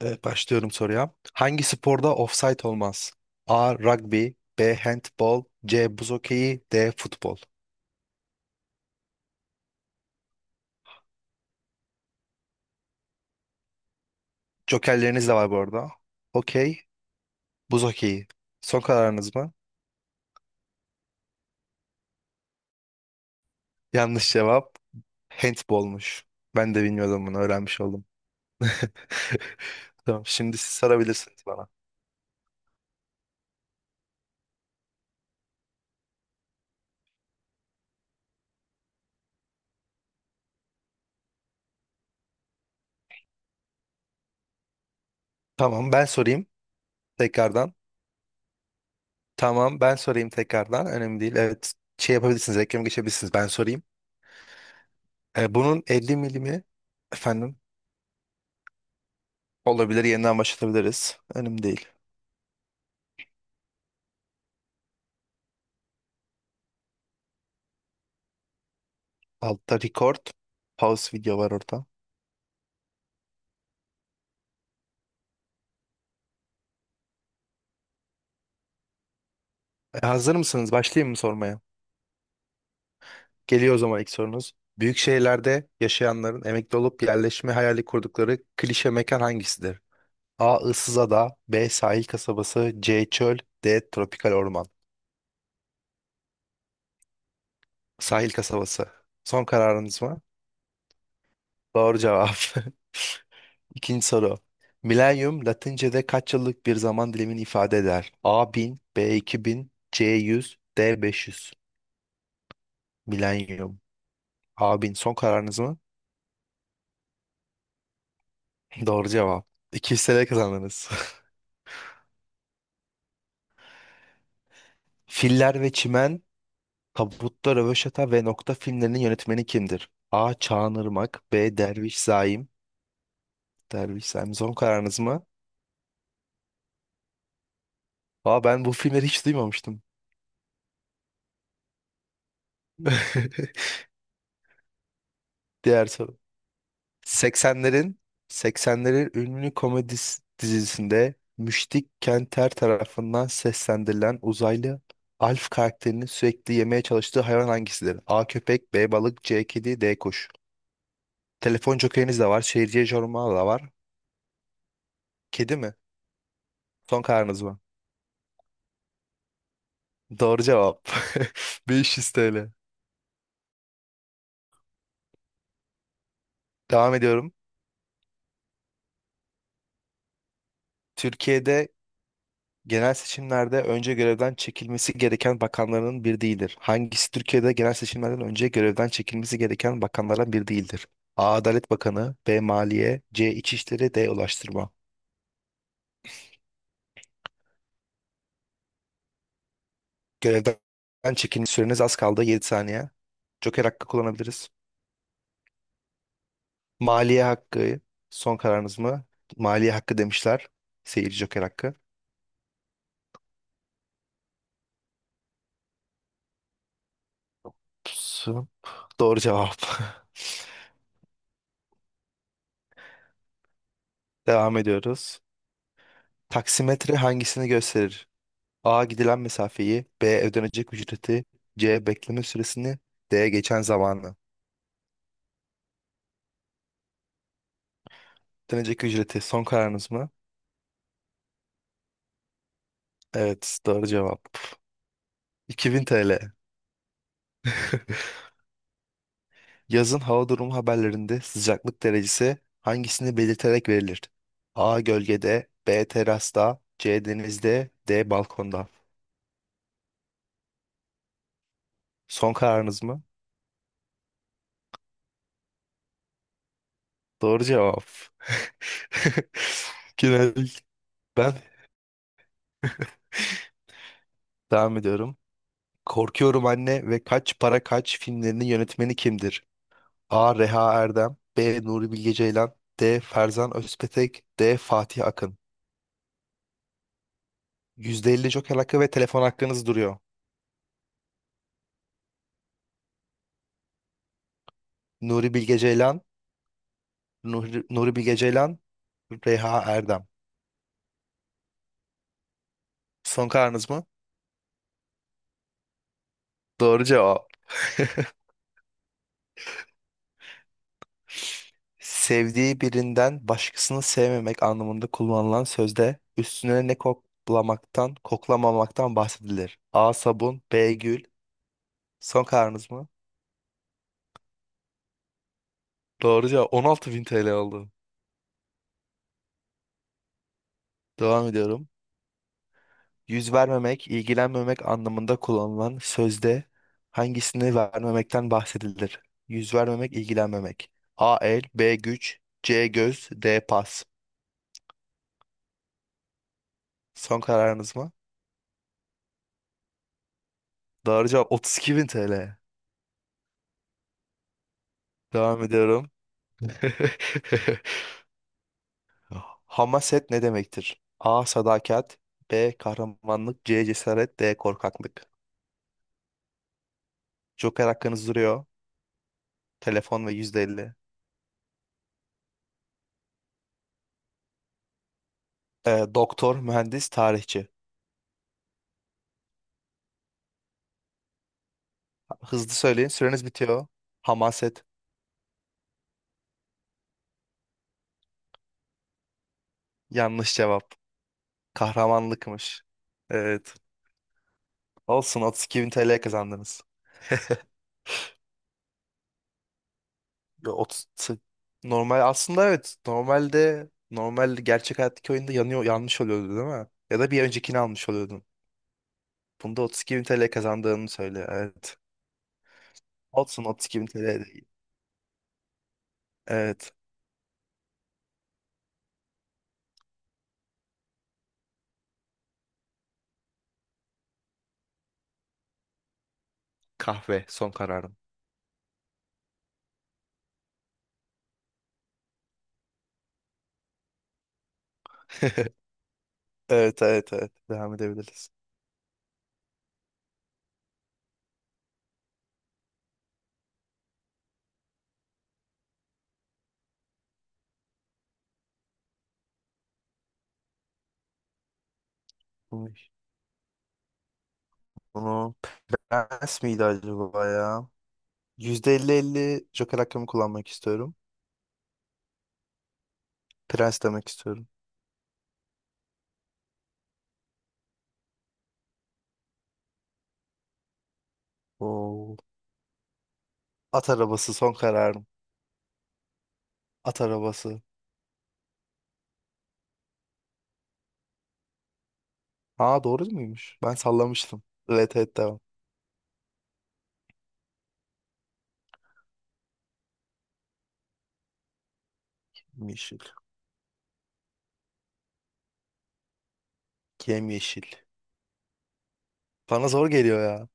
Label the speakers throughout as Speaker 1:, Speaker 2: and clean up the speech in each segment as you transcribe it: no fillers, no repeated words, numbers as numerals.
Speaker 1: Evet, başlıyorum soruya. Hangi sporda ofsayt olmaz? A. Rugby, B. Handball, C. Buz hokeyi, D. Futbol. Jokerleriniz de var bu arada. Okey, buz hokeyi. Son kararınız mı? Yanlış cevap, handballmuş. Ben de bilmiyordum bunu, öğrenmiş oldum. Tamam, şimdi siz sorabilirsiniz bana. Tamam, ben sorayım tekrardan. Tamam, ben sorayım tekrardan. Önemli değil. Evet, şey yapabilirsiniz, reklam geçebilirsiniz. Ben sorayım. Bunun 50 milimi, efendim? Olabilir, yeniden başlatabiliriz. Önemli değil. Altta record. Pause video var orada. Hazır mısınız? Başlayayım mı sormaya? Geliyor o zaman ilk sorunuz. Büyük şehirlerde yaşayanların emekli olup yerleşme hayali kurdukları klişe mekan hangisidir? A. Issızada, B. Sahil kasabası, C. Çöl, D. Tropikal orman. Sahil kasabası. Son kararınız mı? Doğru cevap. İkinci soru. Milenyum Latince'de kaç yıllık bir zaman dilimini ifade eder? A 1000, B 2000, C 100, D 500. Milenyum. A 1000. Son kararınız mı? Doğru cevap. 200 TL kazandınız. Filler ve Çimen, Tabutta Röveşata ve Nokta filmlerinin yönetmeni kimdir? A. Çağan Irmak, B. Derviş Zaim. Derviş Zaim son kararınız mı? Aa, ben bu filmleri hiç duymamıştım. Diğer soru. 80'lerin 80'lerin ünlü komedi dizisinde Müştik Kenter tarafından seslendirilen uzaylı Alf karakterinin sürekli yemeye çalıştığı hayvan hangisidir? A. Köpek, B. Balık, C. Kedi, D. Kuş. Telefon jokeriniz de var. Şehirciye jormalı da var. Kedi mi? Son kararınız mı? Doğru cevap. 500 TL. Devam ediyorum. Türkiye'de genel seçimlerde önce görevden çekilmesi gereken bakanların bir değildir. Hangisi Türkiye'de genel seçimlerden önce görevden çekilmesi gereken bakanlardan bir değildir? A. Adalet Bakanı, B. Maliye, C. İçişleri, D. Ulaştırma. Görevden çekilme süreniz az kaldı, 7 saniye. Joker hakkı kullanabiliriz. Maliye hakkı son kararınız mı? Maliye hakkı demişler. Seyirci Joker hakkı. Pusu. Doğru cevap. Devam ediyoruz. Taksimetre hangisini gösterir? A. Gidilen mesafeyi, B. Ödenecek ücreti, C. Bekleme süresini, D. Geçen zamanı. Ödenecek ücreti son kararınız mı? Evet, doğru cevap. 2000 TL. Yazın hava durumu haberlerinde sıcaklık derecesi hangisini belirterek verilir? A. Gölgede, B. Terasta, C. Denizde, D. Balkonda. Son kararınız mı? Doğru cevap. Genel. Ben devam ediyorum. Korkuyorum Anne ve Kaç Para Kaç filmlerinin yönetmeni kimdir? A. Reha Erdem, B. Nuri Bilge Ceylan, D. Ferzan Özpetek, D. Fatih Akın. %50 Joker hakkı ve telefon hakkınız duruyor. Nuri Bilge Ceylan. Nuri Bilge Ceylan. Reha Erdem. Son kararınız mı? Doğru cevap. Sevdiği birinden başkasını sevmemek anlamında kullanılan sözde üstüne ne koklamaktan, koklamamaktan bahsedilir. A. Sabun, B. Gül. Son kararınız mı? Doğru cevap. 16.000 TL oldu. Devam ediyorum. Yüz vermemek, ilgilenmemek anlamında kullanılan sözde hangisini vermemekten bahsedilir? Yüz vermemek, ilgilenmemek. A el, B güç, C göz, D pas. Son kararınız mı? Doğru cevap. 32 bin TL. Devam ediyorum. Hamaset ne demektir? A. Sadakat, B. Kahramanlık, C. Cesaret, D. Korkaklık. Joker hakkınız duruyor. Telefon ve %50. Doktor, mühendis, tarihçi. Hızlı söyleyin, süreniz bitiyor. Hamaset. Yanlış cevap. Kahramanlıkmış. Evet. Olsun, 32 bin TL kazandınız. Yo, normal aslında, evet. Normalde normal gerçek hayattaki oyunda yanıyor, yanlış oluyordu değil mi? Ya da bir öncekini almış oluyordun. Bunda 32 bin TL kazandığını söyle. Evet. Olsun, 32 bin TL de iyi. Evet. Kahve son kararım. Evet, evet, evet. Devam edebiliriz. Bunu bunu prens miydi acaba ya? %50-50 Joker hakkımı kullanmak istiyorum. Prens demek istiyorum. Oo. At arabası son kararım. At arabası. Ha, doğru muymuş? Ben sallamıştım. Evet, evet, devam. Yeşil. Kim yeşil? Bana zor geliyor ya.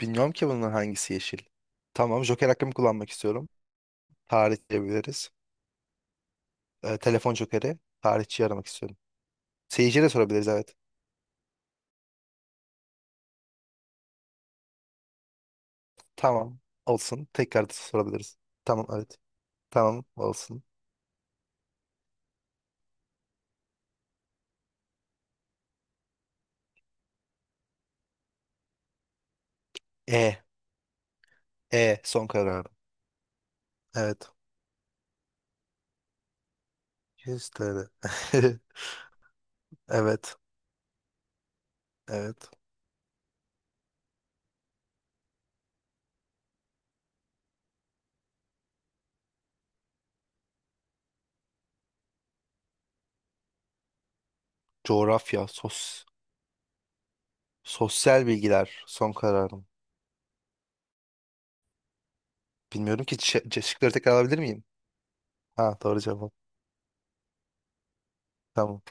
Speaker 1: Bilmiyorum ki bunun hangisi yeşil. Tamam, Joker hakkımı kullanmak istiyorum. Tarih diyebiliriz. Telefon Joker'i. Tarihçiyi aramak istiyorum. Seyirciye de sorabiliriz, evet. Tamam, olsun. Tekrar da sorabiliriz. Tamam, evet. Tamam, olsun. E. E son kararım. Evet. Yüzleri. Evet. Evet. Coğrafya. Sosyal bilgiler son kararım. Bilmiyorum ki şıkları tekrar alabilir miyim? Ha, doğru cevap. Tamam.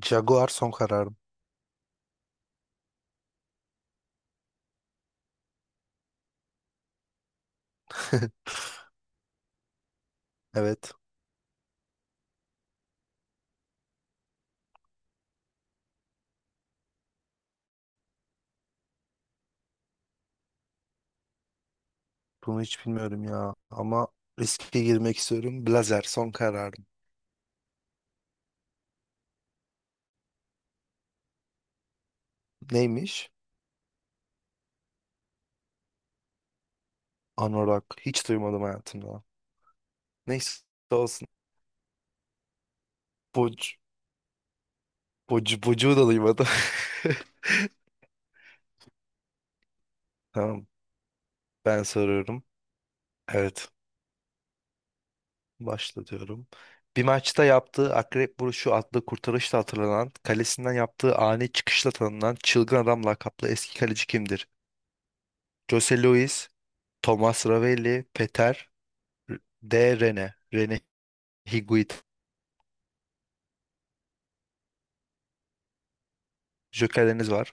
Speaker 1: Jaguar son kararım. Evet. Bunu hiç bilmiyorum ya. Ama riske girmek istiyorum. Blazer son kararım. Neymiş? Anorak. Hiç duymadım hayatımda. Neyse, olsun. Boc, Bocuğu da duymadım. Tamam. Ben soruyorum. Evet. Başlatıyorum. Bir maçta yaptığı akrep vuruşu adlı kurtarışla hatırlanan, kalesinden yaptığı ani çıkışla tanınan çılgın adam lakaplı eski kaleci kimdir? Jose Luis, Thomas Ravelli, Peter D. Rene, Rene Higuita. Jokerleriniz var.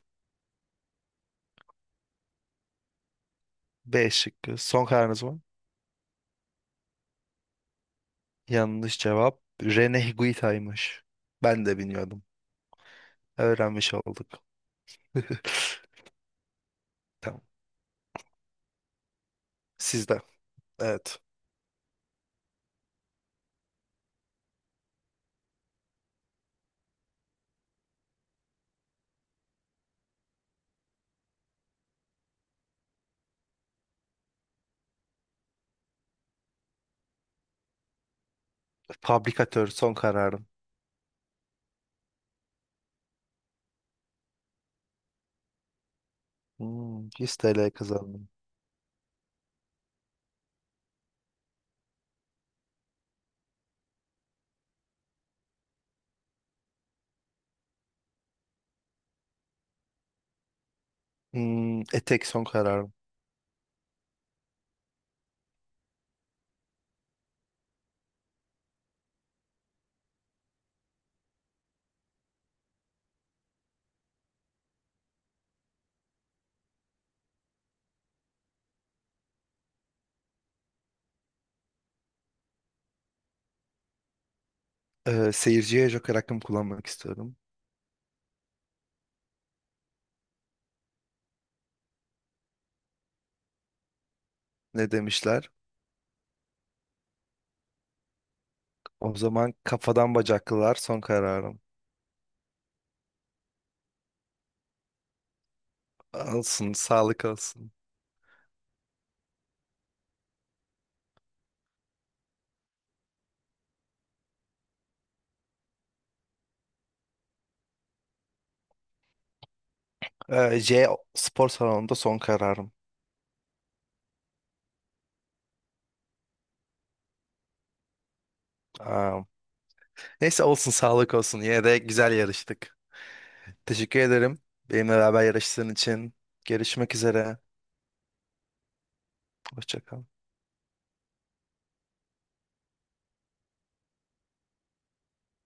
Speaker 1: B şıkkı. Son kararınız mı? Yanlış cevap. Rene Higuita'ymış. Ben de bilmiyordum. Öğrenmiş olduk. Tamam. Sizde. Evet. Fabrikatör son kararım. 100 TL kazandım. Tek son kararım. Seyirciye Joker hakkımı kullanmak istiyorum. Ne demişler? O zaman kafadan bacaklılar son kararım. Olsun, sağlık olsun. J spor salonunda son kararım. Aa, neyse, olsun, sağlık olsun. Yine de güzel yarıştık. Teşekkür ederim. Benimle beraber yarıştığın için. Görüşmek üzere. Hoşça kal.